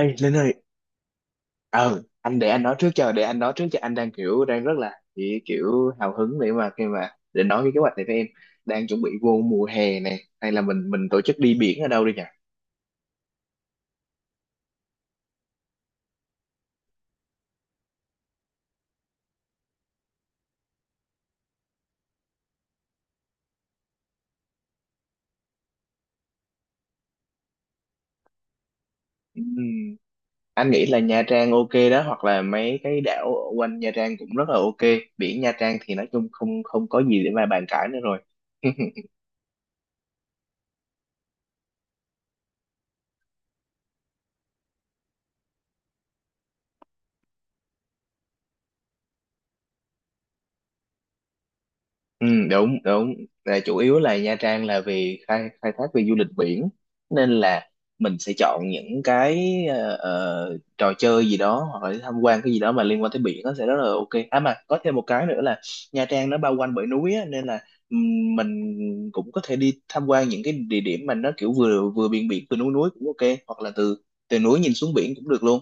Ê Linh ơi, ờ anh để anh nói trước cho, anh đang đang rất là chỉ hào hứng để mà khi mà để nói cái kế hoạch này với em. Đang chuẩn bị vô mùa hè này, hay là mình tổ chức đi biển ở đâu đi nhỉ? Ừm, anh nghĩ là Nha Trang ok đó, hoặc là mấy cái đảo ở quanh Nha Trang cũng rất là ok. Biển Nha Trang thì nói chung không không có gì để mà bàn cãi nữa rồi. Ừ, đúng đúng là chủ yếu là Nha Trang là vì khai khai thác về du lịch biển, nên là mình sẽ chọn những cái trò chơi gì đó, hoặc là tham quan cái gì đó mà liên quan tới biển, nó sẽ rất là ok. À mà có thêm một cái nữa là Nha Trang nó bao quanh bởi núi á, nên là mình cũng có thể đi tham quan những cái địa điểm mà nó kiểu vừa vừa biển biển vừa núi núi cũng ok, hoặc là từ từ núi nhìn xuống biển cũng được luôn,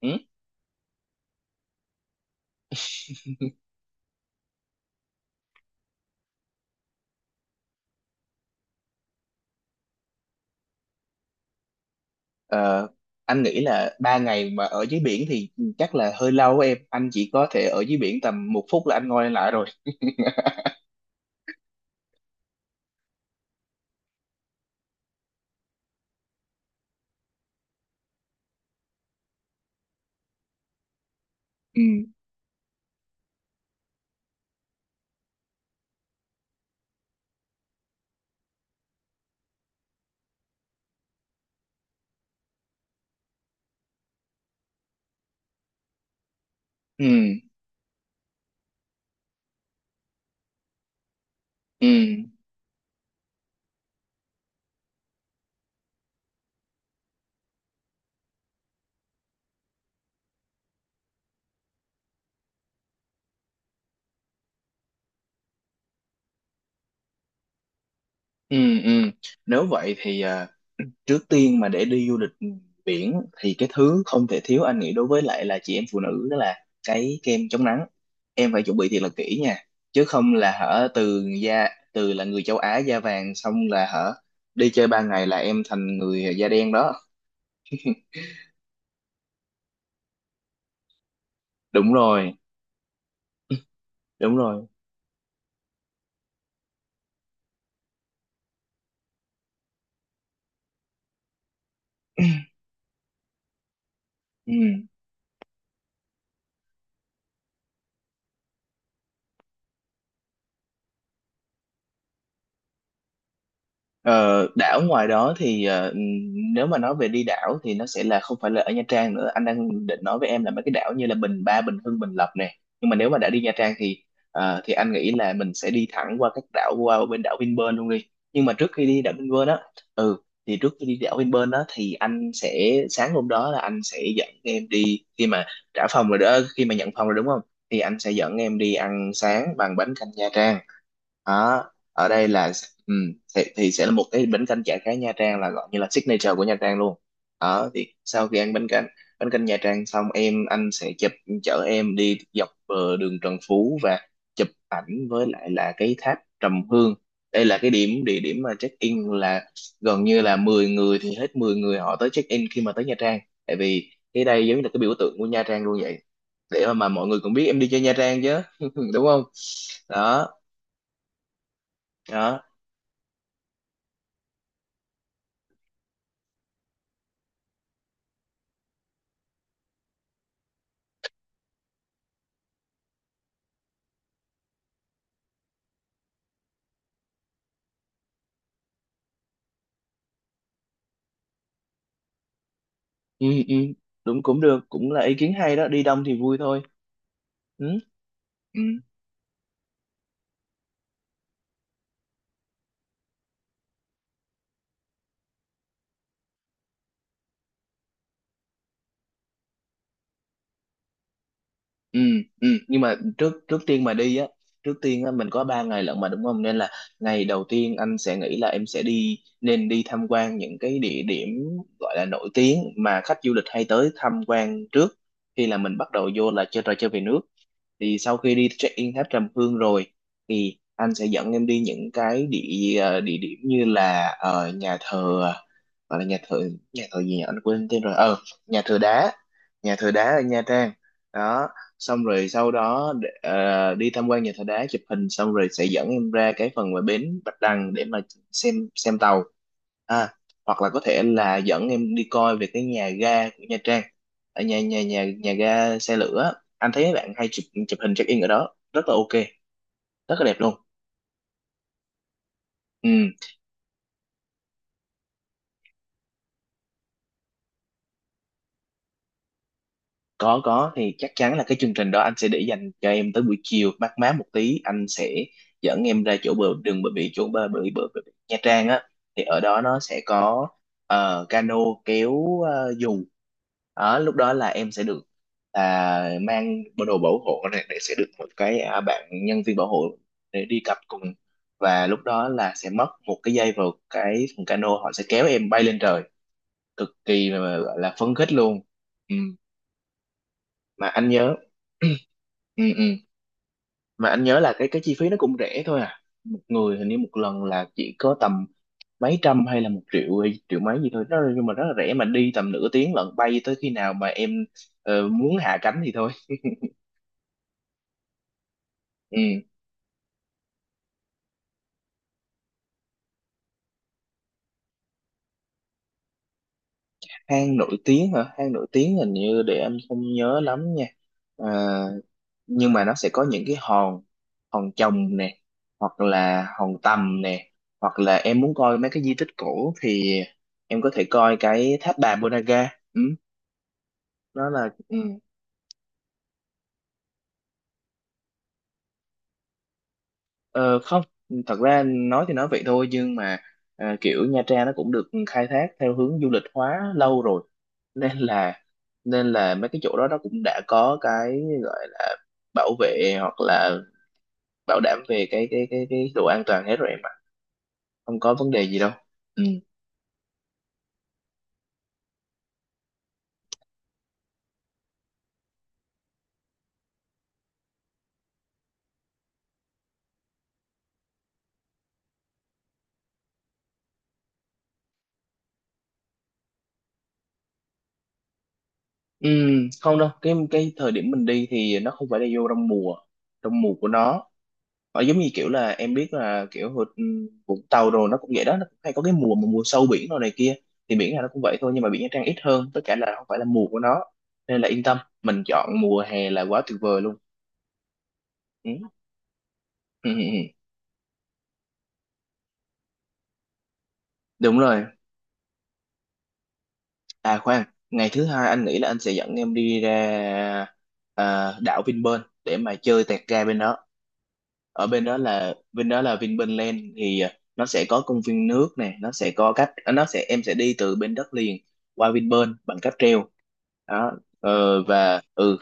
ừ? Ờ, anh nghĩ là ba ngày mà ở dưới biển thì chắc là hơi lâu em, anh chỉ có thể ở dưới biển tầm một phút là anh ngồi lại rồi. Ừ, ừ, ừ, ừ, ừ. Nếu vậy thì à, trước tiên mà để đi du lịch biển thì cái thứ không thể thiếu, anh nghĩ đối với lại là chị em phụ nữ, đó là cái kem chống nắng. Em phải chuẩn bị thiệt là kỹ nha, chứ không là hở, từ da, từ là người châu Á da vàng xong là hở, đi chơi ba ngày là em thành người da đen đó. Đúng rồi, đúng rồi, ừ. Ờ, đảo ngoài đó thì ờ, nếu mà nói về đi đảo thì nó sẽ là không phải là ở Nha Trang nữa, anh đang định nói với em là mấy cái đảo như là Bình Ba, Bình Hưng, Bình Lập nè. Nhưng mà nếu mà đã đi Nha Trang thì ờ, thì anh nghĩ là mình sẽ đi thẳng qua các đảo, qua bên đảo Vinpearl luôn đi. Nhưng mà trước khi đi đảo Vinpearl á, ừ, thì trước khi đi đảo Vinpearl á thì anh sẽ, sáng hôm đó là anh sẽ dẫn em đi khi mà trả phòng rồi đó, khi mà nhận phòng rồi đúng không, thì anh sẽ dẫn em đi ăn sáng bằng bánh canh Nha Trang. Đó, ở đây là ừ, thì sẽ là một cái bánh canh chả cá Nha Trang, là gọi như là signature của Nha Trang luôn. Đó, thì sau khi ăn bánh canh, Nha Trang xong em, anh sẽ chở em đi dọc ờ, đường Trần Phú và chụp ảnh với lại là cái tháp Trầm Hương. Đây là cái điểm địa điểm mà check in là gần như là 10 người thì hết 10 người họ tới check in khi mà tới Nha Trang. Tại vì cái đây giống như là cái biểu tượng của Nha Trang luôn vậy. Để mà mọi người cũng biết em đi chơi Nha Trang chứ, đúng không? Đó, đó, ừ, ừ, đúng, cũng được, cũng là ý kiến hay đó, đi đông thì vui thôi. Ừ. Ừ. Ừ, ừ, nhưng mà trước trước tiên mà đi á, trước tiên á, mình có 3 ngày lận mà đúng không, nên là ngày đầu tiên anh sẽ nghĩ là em sẽ đi, nên đi tham quan những cái địa điểm gọi là nổi tiếng mà khách du lịch hay tới tham quan trước, khi là mình bắt đầu vô là chơi trò chơi về nước. Thì sau khi đi check in tháp Trầm Hương rồi thì anh sẽ dẫn em đi những cái địa điểm như là ờ, nhà thờ, gọi là nhà thờ, nhà thờ gì nhỉ anh quên tên rồi ờ nhà thờ đá, nhà thờ đá ở Nha Trang. Đó. Xong rồi sau đó đi tham quan nhà thờ đá, chụp hình xong rồi sẽ dẫn em ra cái phần mà bến Bạch Đằng để mà xem tàu, à, hoặc là có thể là dẫn em đi coi về cái nhà ga của Nha Trang, ở nhà nhà nhà nhà ga xe lửa. Anh thấy mấy bạn hay chụp chụp hình check in ở đó rất là ok, rất là đẹp luôn. Ừ, có, thì chắc chắn là cái chương trình đó anh sẽ để dành cho em tới buổi chiều mát má một tí, anh sẽ dẫn em ra chỗ bờ đường bờ biển, chỗ bờ biển Nha Trang á, thì ở đó nó sẽ có ờ, cano kéo ờ, dù. Đó, lúc đó là em sẽ được là mang bộ đồ bảo hộ này để sẽ được một cái à, bạn nhân viên bảo hộ để đi cặp cùng, và lúc đó là sẽ mất một cái dây vào cái thùng cano, họ sẽ kéo em bay lên trời, cực kỳ là, gọi là phấn khích luôn. Ừ, mà anh nhớ ừ, ừ, mà anh nhớ là cái chi phí nó cũng rẻ thôi à. Một người hình như một lần là chỉ có tầm mấy trăm, hay là một triệu hay triệu mấy gì thôi đó, nhưng mà rất là rẻ mà đi tầm nửa tiếng lận, bay tới khi nào mà em ờ, muốn hạ cánh thì thôi. Ừ. Hang nổi tiếng hả? Hang nổi tiếng hình như, để anh không nhớ lắm nha. À, nhưng mà nó sẽ có những cái hòn, hòn Chồng nè, hoặc là hòn Tầm nè, hoặc là em muốn coi mấy cái di tích cổ thì em có thể coi cái tháp bà Ponagar, ừ, nó là ừ, ờ, không, thật ra nói thì nói vậy thôi, nhưng mà ờ, kiểu Nha Trang nó cũng được khai thác theo hướng du lịch hóa lâu rồi, nên là, nên là mấy cái chỗ đó nó cũng đã có cái gọi là bảo vệ, hoặc là bảo đảm về cái độ an toàn hết rồi em ạ, không có vấn đề gì đâu. Ừ. Ừ, không đâu, cái thời điểm mình đi thì nó không phải là vô trong mùa, trong mùa của nó. Nó giống như kiểu là em biết là kiểu ừ, Vũng Tàu rồi nó cũng vậy đó, nó cũng hay có cái mùa mà mùa sâu biển rồi này kia, thì biển nào nó cũng vậy thôi, nhưng mà biển Nha Trang ít hơn, tất cả là không phải là mùa của nó, nên là yên tâm, mình chọn mùa hè là quá tuyệt vời luôn. Ừ. Ừ, ừ, ừ, đúng rồi. À khoan, ngày thứ hai anh nghĩ là anh sẽ dẫn em đi ra à, đảo Vinpearl để mà chơi tẹt ga bên đó. Ở bên đó là, bên đó là Vinpearl Land, thì à, nó sẽ có công viên nước nè, nó sẽ có cách à, nó sẽ, em sẽ đi từ bên đất liền qua Vinpearl bằng cáp treo. Đó, ờ, và ừ,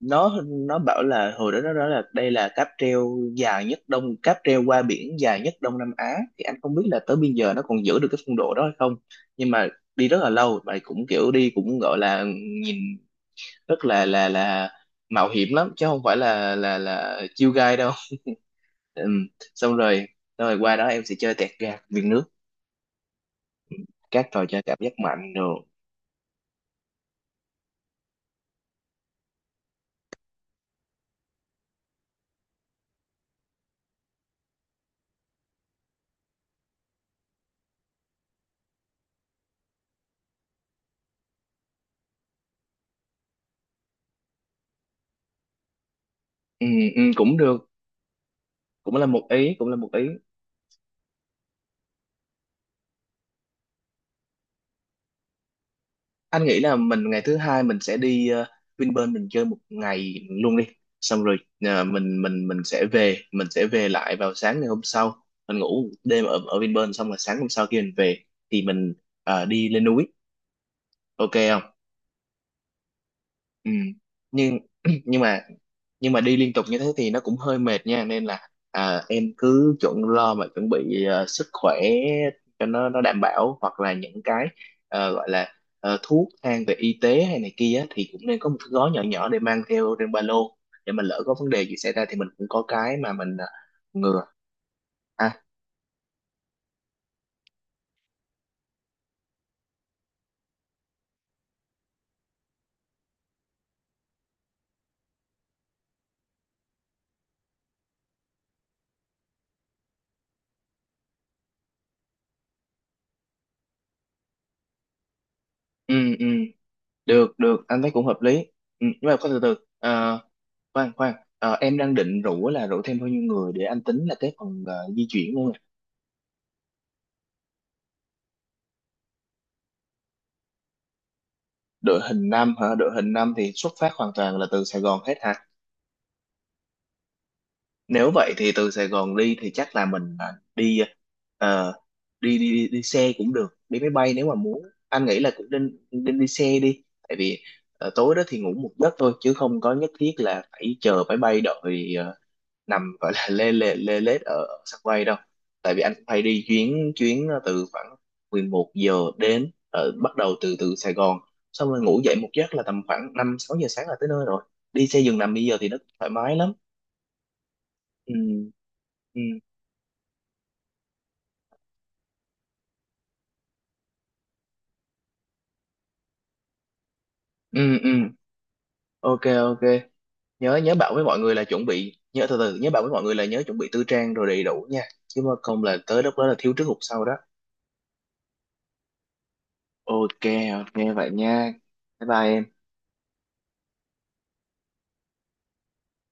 nó bảo là hồi đó nó nói là đây là cáp treo dài nhất đông, cáp treo qua biển dài nhất Đông Nam Á, thì anh không biết là tới bây giờ nó còn giữ được cái phong độ đó hay không, nhưng mà đi rất là lâu và cũng kiểu đi cũng gọi là nhìn rất là mạo hiểm lắm, chứ không phải là chill guy đâu. Ừm, xong rồi, xong rồi qua đó em sẽ chơi tẹt gạt viên nước, các trò chơi cảm giác mạnh rồi. Ừm, cũng được, cũng là một ý, cũng là một ý. Anh nghĩ là mình ngày thứ hai mình sẽ đi Vinpearl, mình chơi một ngày luôn đi, xong rồi ờ, mình sẽ về, mình sẽ về lại vào sáng ngày hôm sau, mình ngủ đêm ở ở Vinpearl, xong rồi sáng hôm sau khi mình về thì mình ờ, đi lên núi, ok không? Ừ. Nhưng nhưng mà nhưng mà đi liên tục như thế thì nó cũng hơi mệt nha, nên là à, em cứ chuẩn lo mà chuẩn bị ờ, sức khỏe cho nó đảm bảo, hoặc là những cái ờ, gọi là ờ, thuốc thang về y tế hay này kia á, thì cũng nên có một cái gói nhỏ nhỏ để mang theo trên ba lô, để mà lỡ có vấn đề gì xảy ra thì mình cũng có cái mà mình ờ, ngừa. À, ừ, ừ, được, được, anh thấy cũng hợp lý. Ừ, nhưng mà có từ từ. Ờ, khoan khoan. Ờ, em đang định rủ là rủ thêm bao nhiêu người để anh tính là cái phần ờ, di chuyển luôn nè. Đội hình năm hả? Đội hình năm thì xuất phát hoàn toàn là từ Sài Gòn hết hả? Nếu vậy thì từ Sài Gòn đi thì chắc là mình đi ờ, đi, đi đi đi xe cũng được, đi máy bay nếu mà muốn. Anh nghĩ là cũng nên nên đi xe đi, tại vì ờ, tối đó thì ngủ một giấc thôi, chứ không có nhất thiết là phải chờ máy bay, đợi ờ, nằm gọi là lê lê lê lết ở, sân bay đâu. Tại vì anh cũng phải đi chuyến chuyến ờ, từ khoảng 11 giờ đến ờ, bắt đầu từ từ Sài Gòn, xong rồi ngủ dậy một giấc là tầm khoảng 5 6 giờ sáng là tới nơi rồi. Đi xe giường nằm bây giờ thì nó thoải mái lắm. Ừ, ừ, ừ, ừ, ok, ok. Nhớ, nhớ bảo với mọi người là chuẩn bị nhớ từ từ, nhớ bảo với mọi người là nhớ chuẩn bị tư trang rồi đầy đủ nha, chứ mà không là tới lúc đó là thiếu trước hụt sau đó. Ok, ok vậy nha. Bye bye em.